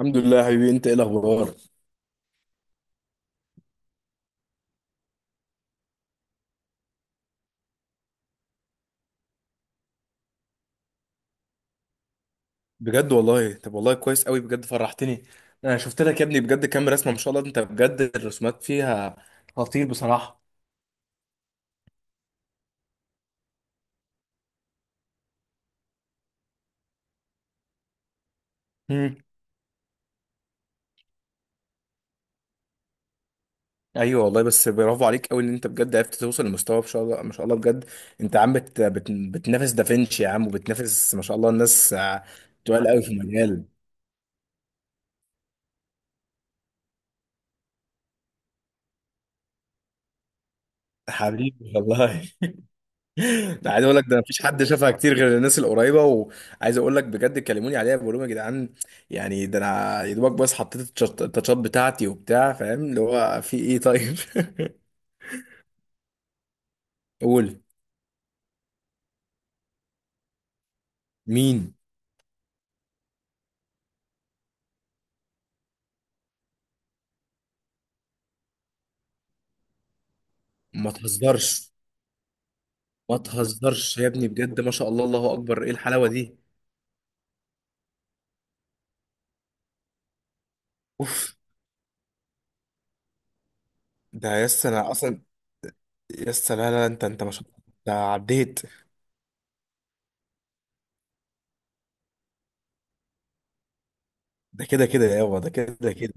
الحمد لله يا حبيبي انت ايه الاخبار. بجد والله طب والله كويس قوي بجد فرحتني. انا شفت لك يا ابني بجد كام رسمه ما شاء الله انت بجد الرسومات فيها خطير بصراحه. امم ايوه والله بس برافو عليك قوي ان انت بجد عرفت توصل لمستوى ما شاء الله ما شاء الله بجد. انت عم بتنافس دافنشي يا عم وبتنافس ما شاء الله الناس، تقال قوي في المجال. حبيبي والله. ده عايز اقول لك ده مفيش حد شافها كتير غير الناس القريبه وعايز اقول لك بجد كلموني عليها بقول لهم يا جدعان. يعني ده انا يا دوبك بس حطيت التاتشات بتاعتي وبتاع فاهم اللي هو في ايه طيب. قول. مين؟ ما تهزرش. ما تهزرش يا ابني بجد ما شاء الله الله اكبر ايه الحلاوه دي. اوف. ده يس انا اصلا. يس، لا لا انت انت ما شاء الله. ده عديت. ده كده كده يابا ده كده كده.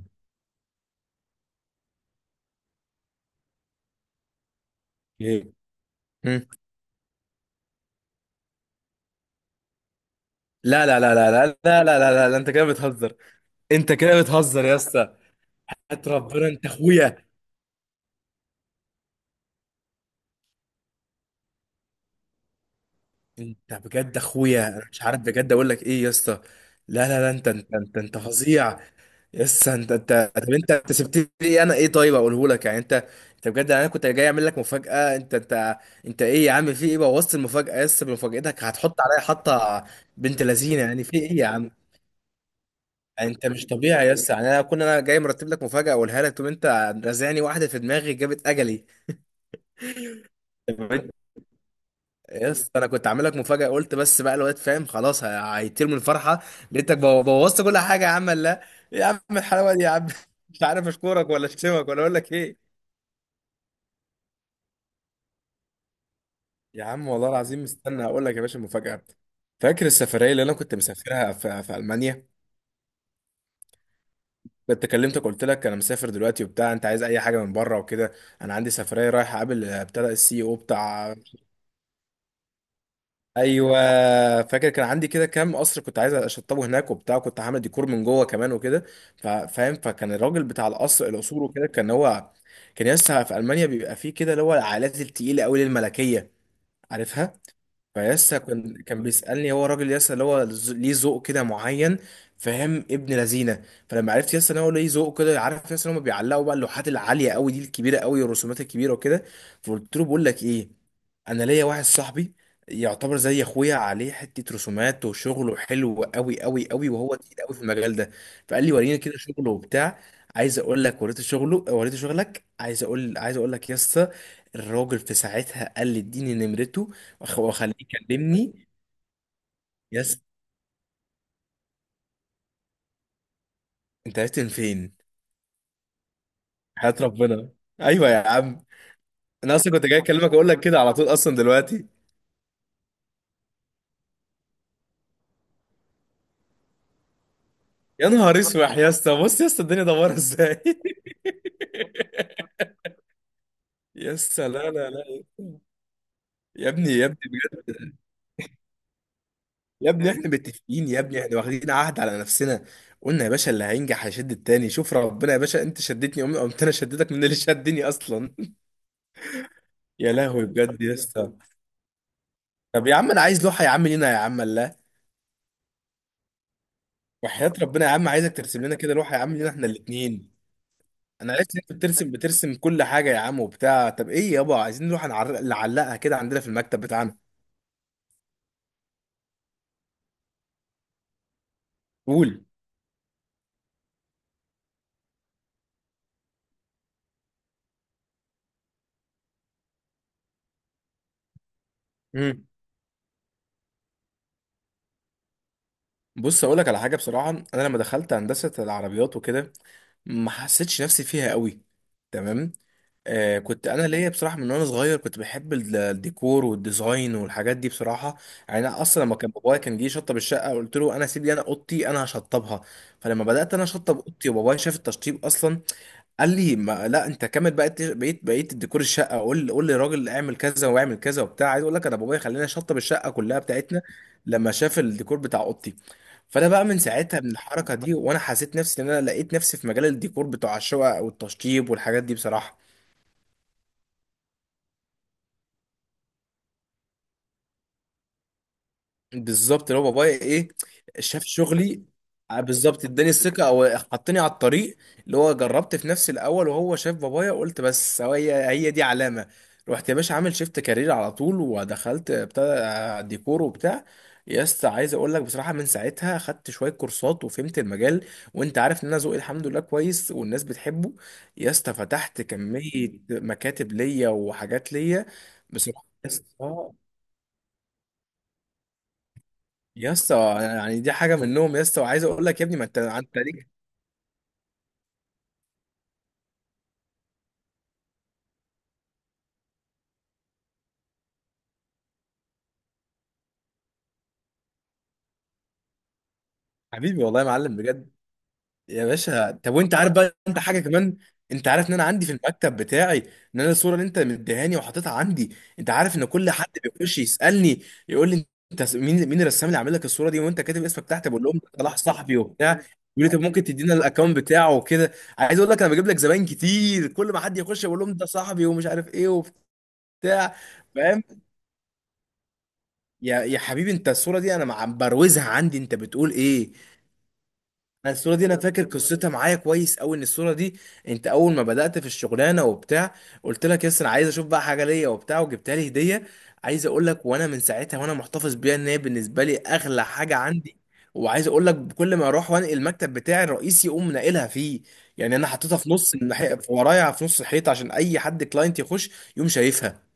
إيه؟ مم. لا لا لا لا لا لا. لا لا لا لا انت كده بتهزر. انت كده بتهزر يا اسطى. حياة ربنا انت اخويا. انت بجد اخويا انا مش عارف بجد اقول لك ايه يا اسطى. لا لا لا انت فظيع. يس انت انت طب انت انت سبت لي ايه انا ايه طيب اقوله لك يعني انت. انت بجد انا كنت جاي اعمل لك مفاجأة انت. انت ايه يا عم في ايه بوظت المفاجأة، يس بمفاجأتك هتحط عليا حطة بنت لذينة يعني في ايه يا عم؟ يعني انت مش طبيعي يس، يعني انا كنا انا جاي مرتب لك مفاجأة اقولها لك تقوم انت رازعني واحدة في دماغي جابت اجلي. يس انا كنت عامل لك مفاجاه قلت بس بقى الواد فاهم خلاص هيطير من الفرحه. لقيتك بوظت كل حاجه يا عم، لا. يا عم الحلاوه دي يا عم مش عارف اشكرك ولا اشتمك ولا اقول لك ايه. يا عم والله العظيم استنى هقول لك يا باشا المفاجاه. فاكر السفريه اللي انا كنت مسافرها في المانيا؟ كنت كلمتك قلت لك انا مسافر دلوقتي وبتاع انت عايز اي حاجه من بره وكده. انا عندي سفريه رايح اقابل ابتدى السي او بتاع. ايوه فاكر. كان عندي كده كام قصر كنت عايز اشطبه هناك وبتاع كنت عامل ديكور من جوه كمان وكده. فاهم، فكان الراجل بتاع القصر القصور وكده كان هو. كان لسه في المانيا بيبقى فيه كده اللي هو العائلات التقيله قوي الملكيه، عارفها. فيسا كان بيسألني هو راجل يسا اللي هو ليه ذوق كده معين، فاهم ابن لذينه. فلما عرفت يسا ان هو ليه ذوق كده عارف يسا ان هم بيعلقوا بقى اللوحات العاليه قوي دي الكبيره قوي الرسومات الكبيره وكده. فقلت له بقول لك ايه، انا ليا واحد صاحبي يعتبر زي اخويا عليه حته رسومات وشغله حلو قوي قوي قوي وهو تقيل قوي في المجال ده. فقال لي وريني كده شغله وبتاع. عايز اقول لك وريته شغله وريته شغلك، عايز اقول عايز اقول لك يسا الراجل في ساعتها قال لي اديني نمرته وخليه يكلمني. يس انت عرفت من فين؟ حياة ربنا. ايوه يا عم انا اصلا كنت جاي اكلمك اقول لك كده على طول اصلا دلوقتي. يا نهار اسوح يا اسطى، بص يا اسطى الدنيا دوارة ازاي. يا اسطى لا لا لا. يا ابني يا ابني بجد. يا ابني احنا متفقين يا ابني احنا واخدين عهد على نفسنا. قلنا يا باشا اللي هينجح هيشد التاني، شوف ربنا يا باشا انت شدتني، قمت انا شدتك من اللي شدني اصلا. يا لهوي بجد يا اسطى. طب يا عم انا عايز لوحه يا عم لينا يا عم الله. وحياة ربنا يا عم عايزك ترسم لنا كده لوحه يا عم لينا احنا الاثنين. انا عرفت إن انت بترسم بترسم كل حاجه يا عم وبتاع، طب ايه يابا عايزين نروح نعلقها كده عندنا في المكتب بتاعنا. قول. امم بص اقول لك على حاجه بصراحه. انا لما دخلت هندسه العربيات وكده ما حسيتش نفسي فيها قوي. تمام. كنت انا ليا بصراحه من وانا صغير كنت بحب الديكور والديزاين والحاجات دي بصراحه. يعني انا اصلا لما كان بابايا كان جه يشطب الشقه قلت له انا سيب لي انا اوضتي انا هشطبها. فلما بدات انا اشطب اوضتي وبابايا شاف التشطيب اصلا، قال لي ما لا انت كامل بقيت، بقيت الديكور الشقه، قول للراجل اعمل كذا واعمل كذا وبتاع. عايز اقول لك انا بابايا خلاني شطب الشقه كلها بتاعتنا لما شاف الديكور بتاع اوضتي. فانا بقى من ساعتها من الحركه دي وانا حسيت نفسي ان انا لقيت نفسي في مجال الديكور بتاع الشقق والتشطيب والحاجات دي بصراحه. بالظبط اللي هو بابايا ايه، شاف شغلي. بالظبط اداني الثقه او حطني على الطريق. اللي هو جربت في نفسي الاول وهو شاف بابايا، قلت بس هو هي هي دي علامه. رحت يا باشا عامل شيفت كارير على طول ودخلت بتاع، ديكور وبتاع. يا اسطى عايز اقول لك بصراحه من ساعتها خدت شويه كورسات وفهمت المجال. وانت عارف ان انا ذوقي الحمد لله كويس والناس بتحبه. يا اسطى فتحت كميه مكاتب ليا وحاجات ليا بصراحه. يا اسطى، يا اسطى يعني دي حاجه منهم يا اسطى، وعايز اقول لك يا ابني ما انت انت ليك. حبيبي والله يا معلم بجد. يا باشا طب وانت عارف بقى انت حاجه كمان. انت عارف ان انا عندي في المكتب بتاعي ان انا الصوره اللي انت مديهاني وحاططها عندي، انت عارف ان كل حد بيخش يسالني يقول لي انت مين مين الرسام اللي عامل لك الصوره دي وانت كاتب اسمك تحت، بقول لهم ده صلاح صاحبي وبتاع. يقول لي طب ممكن تدينا الاكونت بتاعه وكده. عايز اقول لك انا بجيب لك زباين كتير كل ما حد يخش بقول لهم ده صاحبي ومش عارف ايه وبتاع. فاهم؟ يا يا حبيبي انت الصورة دي انا بروزها عندي، انت بتقول ايه؟ انا الصورة دي انا فاكر قصتها معايا كويس قوي. ان الصورة دي انت اول ما بدأت في الشغلانة وبتاع قلت لك يس انا عايز اشوف بقى حاجة ليا وبتاع وجبتها لي هدية. عايز اقول لك وانا من ساعتها وانا محتفظ بيها ان هي بالنسبة لي اغلى حاجة عندي. وعايز اقول لك كل ما اروح وانقل المكتب بتاعي الرئيسي يقوم ناقلها فيه. يعني انا حطيتها في في ورايا في نص الحيط عشان اي حد كلاينت يخش يقوم شايفها.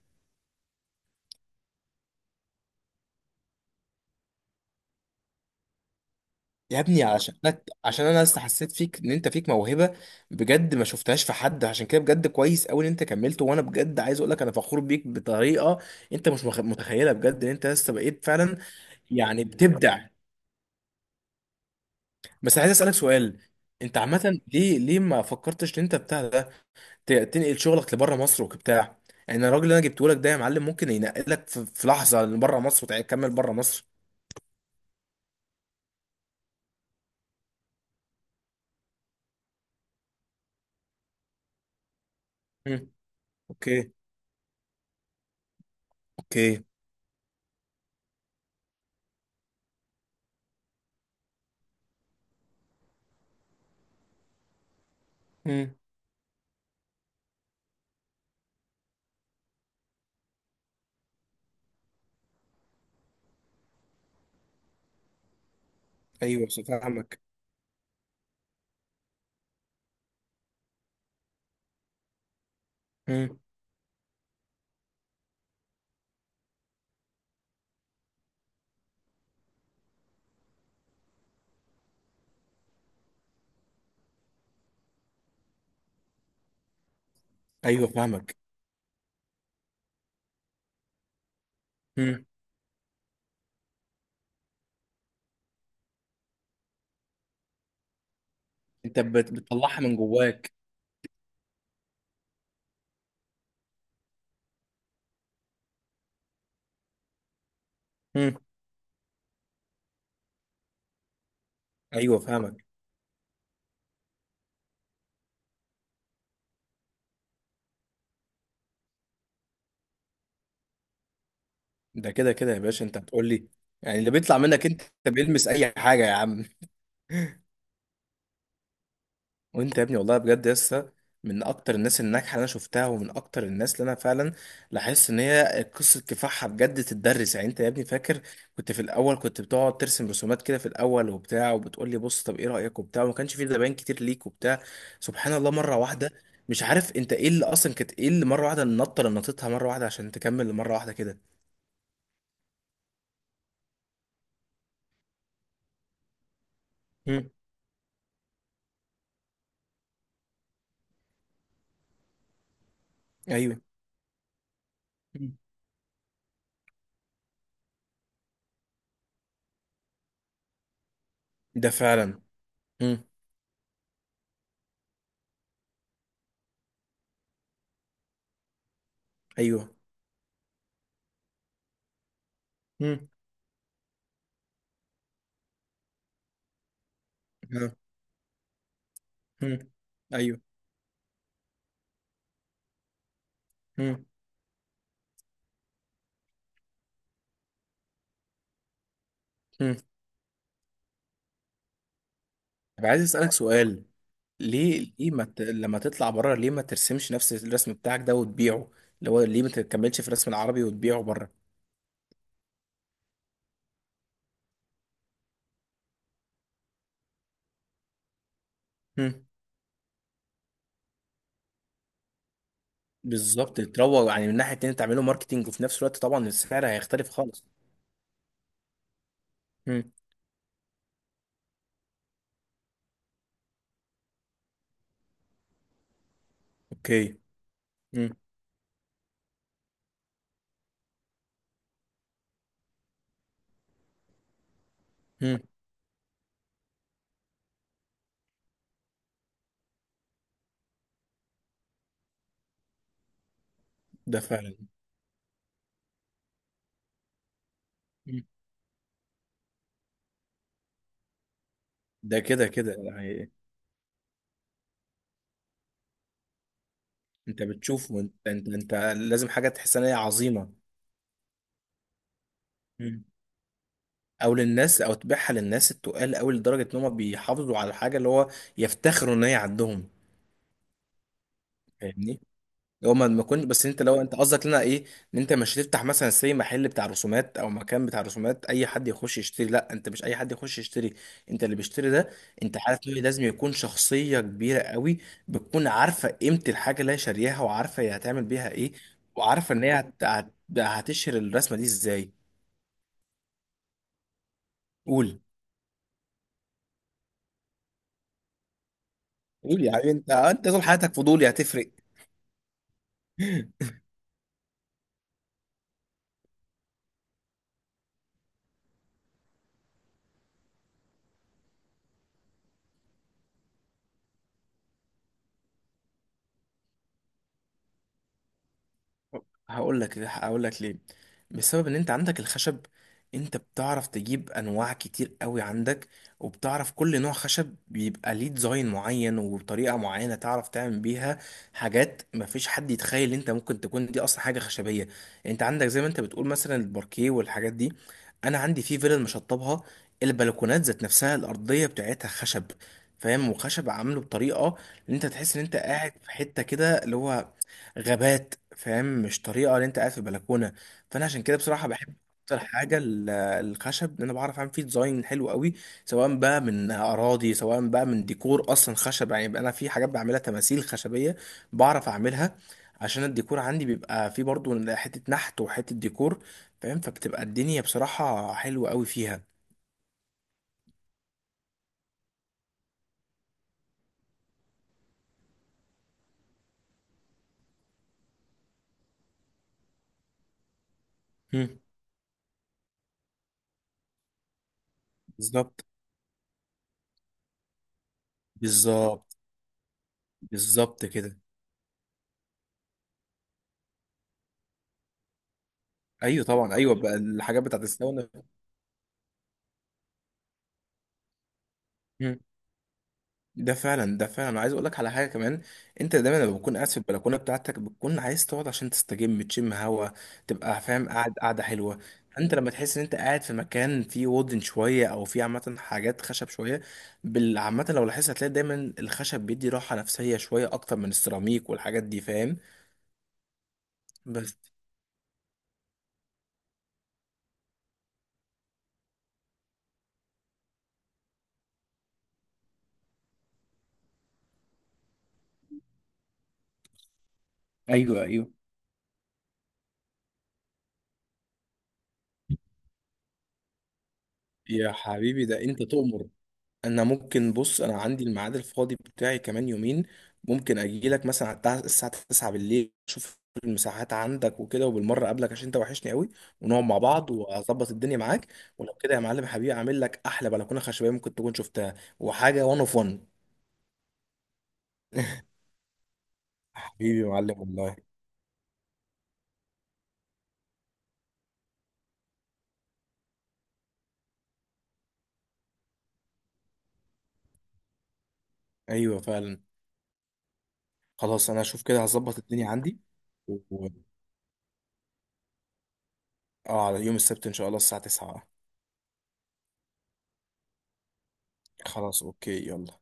يا ابني عشانك، عشان انا لسه حسيت فيك ان انت فيك موهبه بجد ما شفتهاش في حد، عشان كده بجد كويس قوي ان انت كملت. وانا بجد عايز اقول لك انا فخور بيك بطريقه انت مش مخ- متخيلها بجد ان انت لسه بقيت فعلا يعني بتبدع. بس عايز اسالك سؤال. انت عامه ليه ليه ما فكرتش ان انت بتاع ده تنقل شغلك لبره مصر وبتاع؟ يعني الراجل اللي انا جبته لك ده يا معلم ممكن ينقلك في في لحظه لبره مصر وتكمل بره مصر. مم. اوكي. اوكي. مم. ايوه فاهمك. مم. ايوه فاهمك. مم. انت بت- بتطلعها من جواك. مم. ايوه فاهمك. ده كده كده يا باشا انت هتقول لي يعني اللي بيطلع منك انت بيلمس اي حاجه يا عم. وانت يا ابني والله بجد لسه من اكتر الناس الناجحه اللي انا شفتها، ومن اكتر الناس اللي انا فعلا لاحظت ان هي قصه كفاحها بجد تتدرس. يعني انت يا ابني فاكر كنت في الاول كنت بتقعد ترسم رسومات كده في الاول وبتاع وبتقول لي بص طب ايه رايك وبتاع وما كانش في زباين كتير ليك وبتاع. سبحان الله مره واحده، مش عارف انت ايه اللي اصلا كانت ايه اللي مره واحده النطه اللي نطيتها مره واحده عشان تكمل لمره واحده كده. مم. ايوه. مم. ده فعلا. مم. ايوه. مم. ها. مم. ايوه. مم. مم. طب عايز اسالك سؤال، ليه ليه ما ت... لما تطلع بره ليه ما ترسمش نفس الرسم بتاعك ده وتبيعه، اللي هو ليه ما تكملش في الرسم العربي وتبيعه بره؟ مم. بالظبط تروج، يعني من ناحيه تانية تعمله ماركتينج وفي نفس الوقت طبعا السعر هيختلف خالص. مم. اوكي. مم. مم. ده فعلا. مم. ده كده كده يعني. انت بتشوف، انت لازم حاجه تحس ان هي عظيمه. مم. او للناس او تبيعها للناس التقال قوي لدرجه ان هم بيحافظوا على الحاجه اللي هو يفتخروا ان هي عندهم. فاهمني. هو ما كنت، بس انت لو انت قصدك لنا ايه، ان انت مش هتفتح مثلا سي محل بتاع رسومات او مكان بتاع رسومات اي حد يخش يشتري؟ لا، انت مش اي حد يخش يشتري. انت اللي بيشتري ده انت عارف انه لازم يكون شخصية كبيرة قوي. بتكون عارفة قيمة الحاجة اللي هي شارياها وعارفة هي هتعمل بيها ايه، وعارفة ان هي هتشهر الرسمة دي ازاي. قول. قول يا حبيبي، انت انت طول حياتك فضولي هتفرق؟ هقول لك ليه. بسبب ان انت عندك الخشب. انت بتعرف تجيب انواع كتير قوي عندك. وبتعرف كل نوع خشب بيبقى ليه ديزاين معين وبطريقة معينة تعرف تعمل بيها حاجات مفيش حد يتخيل ان انت ممكن تكون دي اصلا حاجة خشبية. انت عندك زي ما انت بتقول مثلا الباركيه والحاجات دي. انا عندي في فيلل مشطبها البلكونات ذات نفسها الارضية بتاعتها خشب. فاهم، وخشب عامله بطريقة ان انت تحس ان انت قاعد في حتة كده اللي هو غابات، فاهم، مش طريقه اللي انت قاعد في بلكونه. فانا عشان كده بصراحه بحب اكتر حاجه الخشب لأن انا بعرف اعمل فيه ديزاين حلو قوي. سواء بقى من اراضي سواء بقى من ديكور اصلا خشب. يعني بقى انا في حاجات بعملها تماثيل خشبيه بعرف اعملها عشان الديكور عندي بيبقى فيه برضو حته نحت وحته ديكور. فاهم، فبتبقى الدنيا بصراحه حلوه قوي فيها. مم. بالظبط. بالظبط. بالظبط كده. ايوه طبعا ايوه، بقى الحاجات بتاعت الساونا. ده فعلا، ده فعلا انا عايز اقول لك على حاجه كمان. انت دايما لما بتكون قاعد في البلكونه بتاعتك بتكون عايز تقعد عشان تستجم تشم هوا، تبقى فاهم قاعد قاعده حلوه. انت لما تحس ان انت قاعد في مكان فيه وودن شويه او فيه عامه حاجات خشب شويه، عامه لو لاحظت هتلاقي دايما الخشب بيدي راحه نفسيه شويه اكتر من السيراميك والحاجات دي، فاهم. بس. ايوه. ايوه يا حبيبي ده انت تؤمر. انا ممكن، بص انا عندي الميعاد الفاضي بتاعي كمان يومين. ممكن اجي لك مثلا على الساعه 9 بالليل اشوف المساحات عندك وكده، وبالمره اقابلك عشان انت وحشني قوي، ونقعد مع بعض واظبط الدنيا معاك. ولو كده يا معلم حبيبي اعمل لك احلى بلكونه خشبيه ممكن تكون شفتها وحاجه وان اوف وان. حبيبي يا معلم والله. ايوه فعلا. خلاص انا اشوف كده هظبط الدنيا عندي و... و- اه على يوم السبت ان شاء الله الساعه 9. خلاص اوكي يلا.